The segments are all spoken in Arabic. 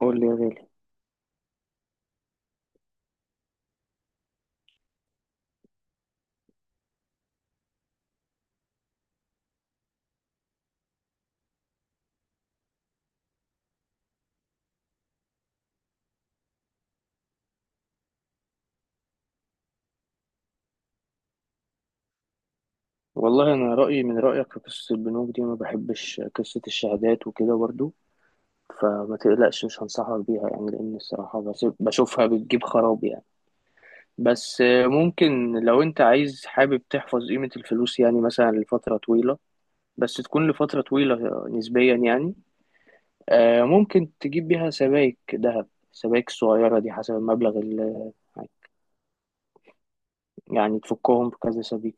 قول لي يا غالي. والله انا رايي من رايك في قصه البنوك دي، ما بحبش قصه الشهادات وكده برضو. فما تقلقش، مش هنصحك بيها يعني. لان الصراحه بشوفها بتجيب خراب يعني. بس ممكن لو انت عايز حابب تحفظ قيمه الفلوس يعني مثلا لفتره طويله، بس تكون لفتره طويله نسبيا يعني. ممكن تجيب بيها سبائك ذهب. السبائك الصغيره دي حسب المبلغ اللي يعني تفكهم في كذا سبيك.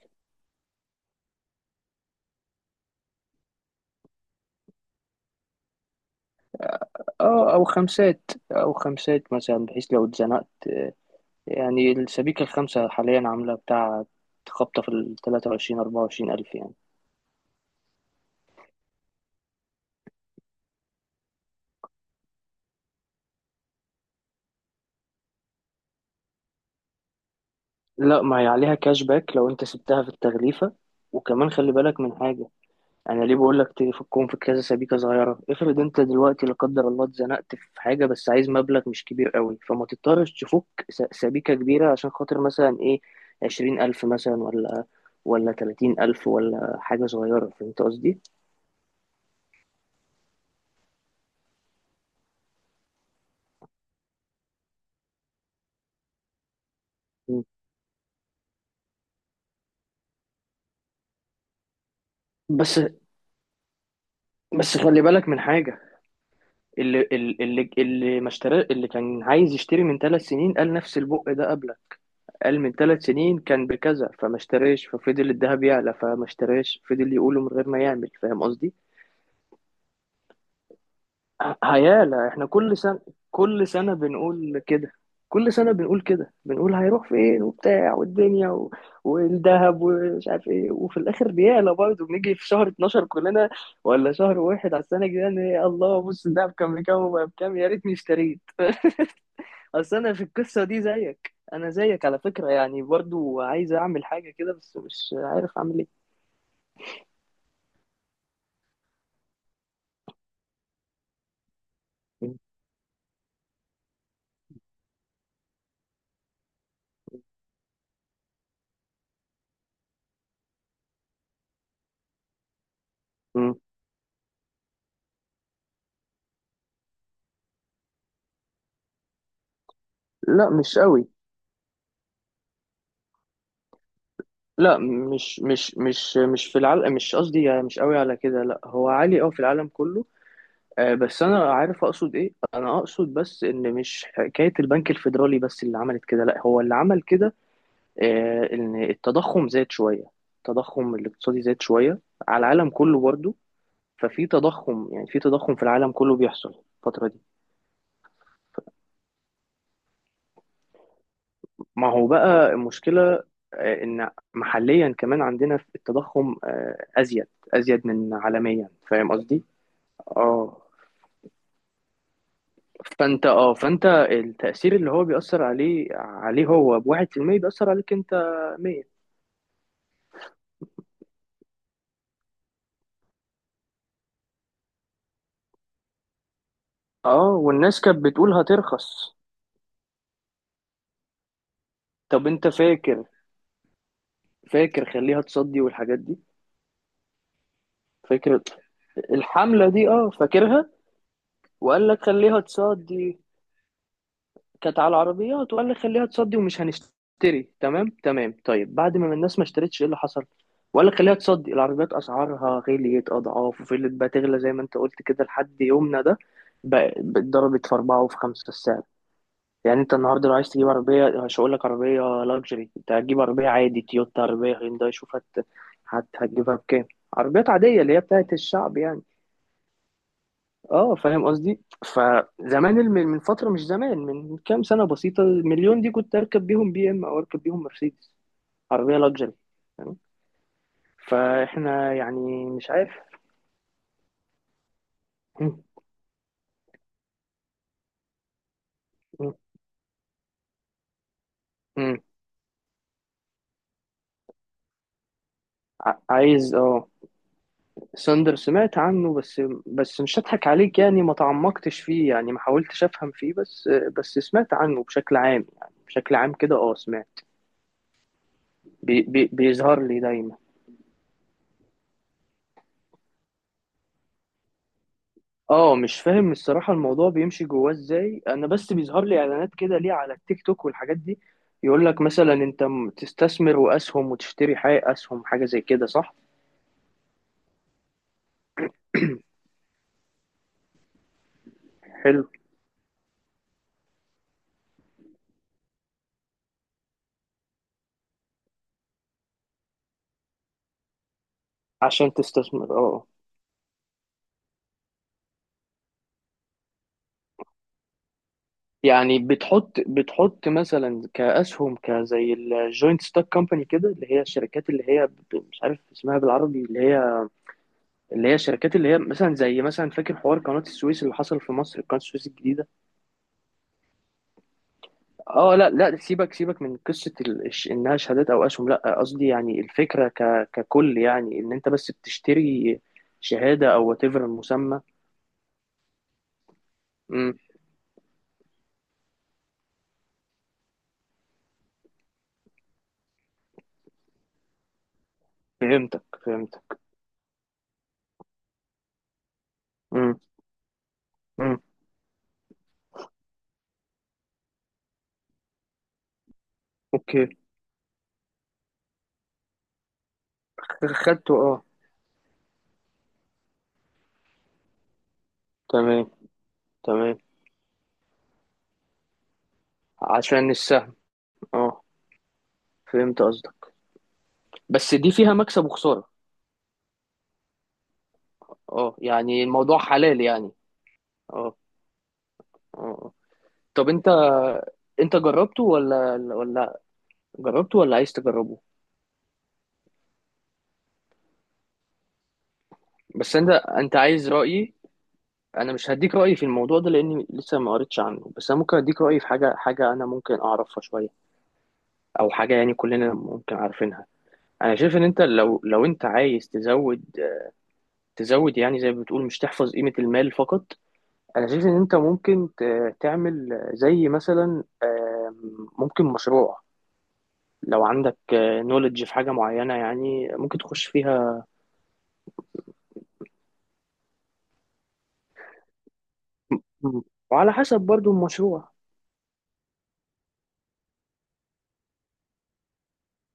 اه، او خمسات مثلا بحيث لو اتزنقت. يعني الشبيكة الخامسة حاليا عاملة بتاع خبطة في ال 23 24 ألف يعني. لا، ما هي عليها كاش باك لو أنت سبتها في التغليفة. وكمان خلي بالك من حاجة. أنا ليه بقول لك تفكهم في كذا سبيكة صغيرة؟ افرض أنت دلوقتي لا قدر الله اتزنقت في حاجة، بس عايز مبلغ مش كبير قوي، فما تضطرش تفك سبيكة كبيرة عشان خاطر مثلا إيه، 20 ألف مثلا ولا 30 ألف ولا حاجة صغيرة. فهمت قصدي؟ بس بس خلي بالك من حاجة. اللي ما اشترى، اللي كان عايز يشتري من 3 سنين، قال نفس البق ده قبلك. قال من 3 سنين كان بكذا فما اشتريش، ففضل الذهب يعلى فما اشتريش، فضل يقوله من غير ما يعمل. فاهم قصدي؟ هيعلى. احنا كل سنة كل سنة بنقول كده كل سنة بنقول كده، بنقول هيروح فين وبتاع والدنيا والذهب ومش عارف ايه، وفي الاخر بيعلى برضه. بنيجي في شهر 12 كلنا، ولا شهر واحد على السنة الجاية، إن الله، بص الذهب كان بكام وبقى بكام، يا ريتني اشتريت. اصل انا في القصه دي زيك، انا زيك على فكره يعني، برضو عايز اعمل حاجه كده بس مش عارف اعمل ايه. مم. لا مش قوي. لا، مش في العالم، مش قصدي يعني مش قوي على كده، لا هو عالي قوي في العالم كله. بس انا عارف اقصد ايه. انا اقصد بس ان مش حكايه البنك الفيدرالي بس اللي عملت كده، لا هو اللي عمل كده ان التضخم زاد شويه. التضخم الاقتصادي زاد شويه على العالم كله برضو. ففي تضخم، يعني في تضخم في العالم كله بيحصل الفتره دي. ما هو بقى المشكلة إن محليا كمان عندنا في التضخم أزيد من عالميا. فاهم قصدي؟ اه. فأنت التأثير اللي هو بيأثر عليه هو بواحد في المية، بيأثر عليك أنت 100. اه، والناس كانت بتقول هترخص. طب أنت فاكر خليها تصدي والحاجات دي. فاكر الحملة دي؟ اه فاكرها. وقال لك خليها تصدي، كانت على العربيات وقال لي خليها تصدي ومش هنشتري. تمام، تمام. طيب بعد ما الناس ما اشترتش، ايه اللي حصل؟ وقال لك خليها تصدي، العربيات اسعارها غليت اضعاف وفضلت بقى تغلى زي ما انت قلت كده لحد يومنا ده. اتضربت في اربعه وفي خمسه السعر. يعني انت النهارده لو عايز تجيب عربيه، مش هقول لك عربيه لاكجري، انت هتجيب عربيه عادي، تويوتا، عربيه هيونداي، شوف هت... هت... هتجيبها بكام. عربيات عاديه اللي هي بتاعت الشعب يعني. اه، فاهم قصدي. فزمان من فتره، مش زمان، من كام سنه بسيطه، المليون دي كنت اركب بيهم بي ام او، اركب بيهم مرسيدس، عربيه لاكجري. تمام. فاحنا يعني مش عارف. م- م- م. عايز اه. ساندر سمعت عنه، بس بس مش هضحك عليك يعني، ما تعمقتش فيه يعني، ما حاولتش افهم فيه. بس بس سمعت عنه بشكل عام، يعني بشكل عام كده، اه سمعت. بي بي بيظهر لي دايما. اه مش فاهم الصراحة الموضوع بيمشي جواه ازاي، انا بس بيظهر لي اعلانات كده ليه على التيك توك والحاجات دي. يقول لك مثلا انت تستثمر واسهم وتشتري حاجة اسهم حاجة زي كده، صح؟ حلو. عشان تستثمر اه. يعني بتحط مثلا كاسهم، كزي الجوينت ستوك كومباني كده، اللي هي الشركات اللي هي مش عارف اسمها بالعربي، اللي هي اللي هي الشركات اللي هي مثلا، زي مثلا، فاكر حوار قناة السويس اللي حصل في مصر، قناة السويس الجديدة. اه، لا لا، سيبك سيبك من قصه انها شهادات او اسهم، لا قصدي يعني الفكره ككل، يعني ان انت بس بتشتري شهاده او وات ايفر المسمى. امم. فهمتك فهمتك. امم. امم. اوكي. خدته اه. تمام. تمام، عشان السهم. اه. فهمت قصدك. بس دي فيها مكسب وخساره. اه يعني الموضوع حلال يعني. اه. اه آه. طب انت، انت جربته ولا؟ جربته ولا عايز تجربه؟ بس انت عايز رأيي؟ انا مش هديك رايي في الموضوع ده لاني لسه ما قريتش عنه. بس انا ممكن اديك رايي في حاجه، حاجه انا ممكن اعرفها شويه، او حاجه يعني كلنا ممكن عارفينها. انا شايف ان انت لو انت عايز تزود، تزود يعني زي ما بتقول، مش تحفظ قيمه المال فقط. انا شايف ان انت ممكن تعمل زي مثلا ممكن مشروع، لو عندك نولج في حاجه معينه يعني ممكن تخش فيها. مم. وعلى حسب برضو المشروع.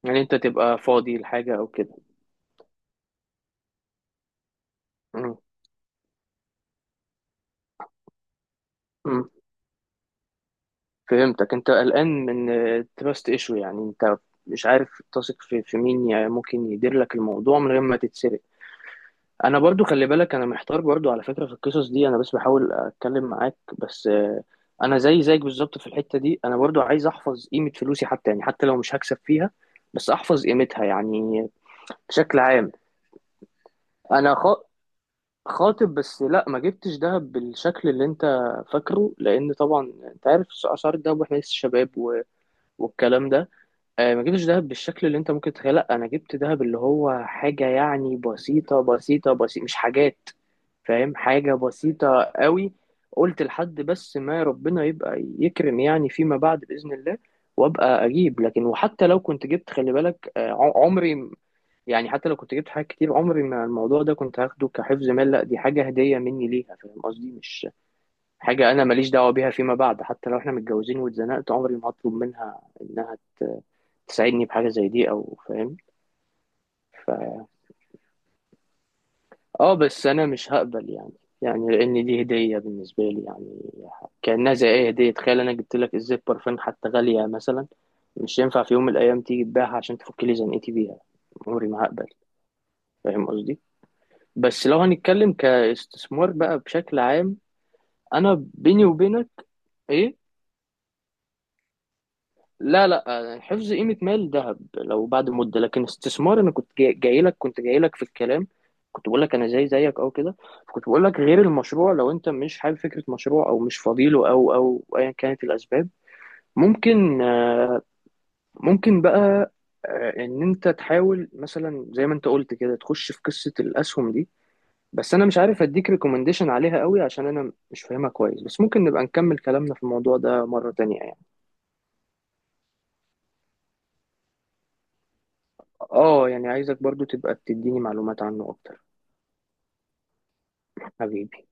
يعني انت تبقى فاضي لحاجه او كده. مم. مم. فهمتك. انت قلقان من تراست ايشو، يعني انت مش عارف تثق في مين يعني، ممكن يدير لك الموضوع من غير ما تتسرق. انا برضو خلي بالك، انا محتار برضو على فكرة في القصص دي، انا بس بحاول اتكلم معاك بس. انا زي زيك بالظبط في الحتة دي، انا برضو عايز احفظ قيمة فلوسي حتى يعني، حتى لو مش هكسب فيها، بس احفظ قيمتها يعني، بشكل عام. انا خاطب، بس لا، ما جبتش دهب بالشكل اللي انت فاكره لان طبعا انت عارف اسعار الدهب، واحنا لسه شباب والكلام ده. ما جبتش دهب بالشكل اللي انت ممكن تتخيله. لا انا جبت دهب اللي هو حاجه يعني بسيطه بسيطه بسيطه، مش حاجات. فاهم، حاجه بسيطه قوي. قلت لحد بس ما ربنا يبقى يكرم يعني فيما بعد باذن الله، وابقى اجيب. لكن وحتى لو كنت جبت، خلي بالك عمري يعني، حتى لو كنت جبت حاجات كتير، عمري ما الموضوع ده كنت هاخده كحفظ مال، لا دي حاجه هديه مني ليها. فاهم قصدي؟ مش حاجه انا ماليش دعوه بيها فيما بعد. حتى لو احنا متجوزين واتزنقت، عمري ما هطلب منها انها تساعدني بحاجة زي دي أو، فاهم؟ ف اه بس أنا مش هقبل يعني، يعني لأن دي هدية بالنسبة لي يعني، كأنها زي أي هدية. تخيل أنا جبت لك إزازة برفان حتى غالية مثلا، مش ينفع في يوم من الأيام تيجي تبيعها عشان تفك لي زنقتي بيها. عمري ما هقبل. فاهم قصدي؟ بس لو هنتكلم كاستثمار بقى بشكل عام، أنا بيني وبينك، إيه، لا لا، حفظ قيمة مال ذهب لو بعد مدة، لكن استثمار، أنا كنت جاي جاي لك كنت جاي لك في الكلام، كنت بقول لك أنا زي زيك أو كده، كنت بقول لك غير المشروع، لو أنت مش حابب فكرة مشروع أو مش فاضيله أو أيا كانت الأسباب، ممكن، ممكن بقى إن أنت تحاول مثلا زي ما أنت قلت كده تخش في قصة الأسهم دي. بس أنا مش عارف أديك ريكومنديشن عليها قوي عشان أنا مش فاهمها كويس، بس ممكن نبقى نكمل كلامنا في الموضوع ده مرة تانية يعني. آه يعني عايزك برضو تبقى تديني معلومات عنه أكتر. حبيبي.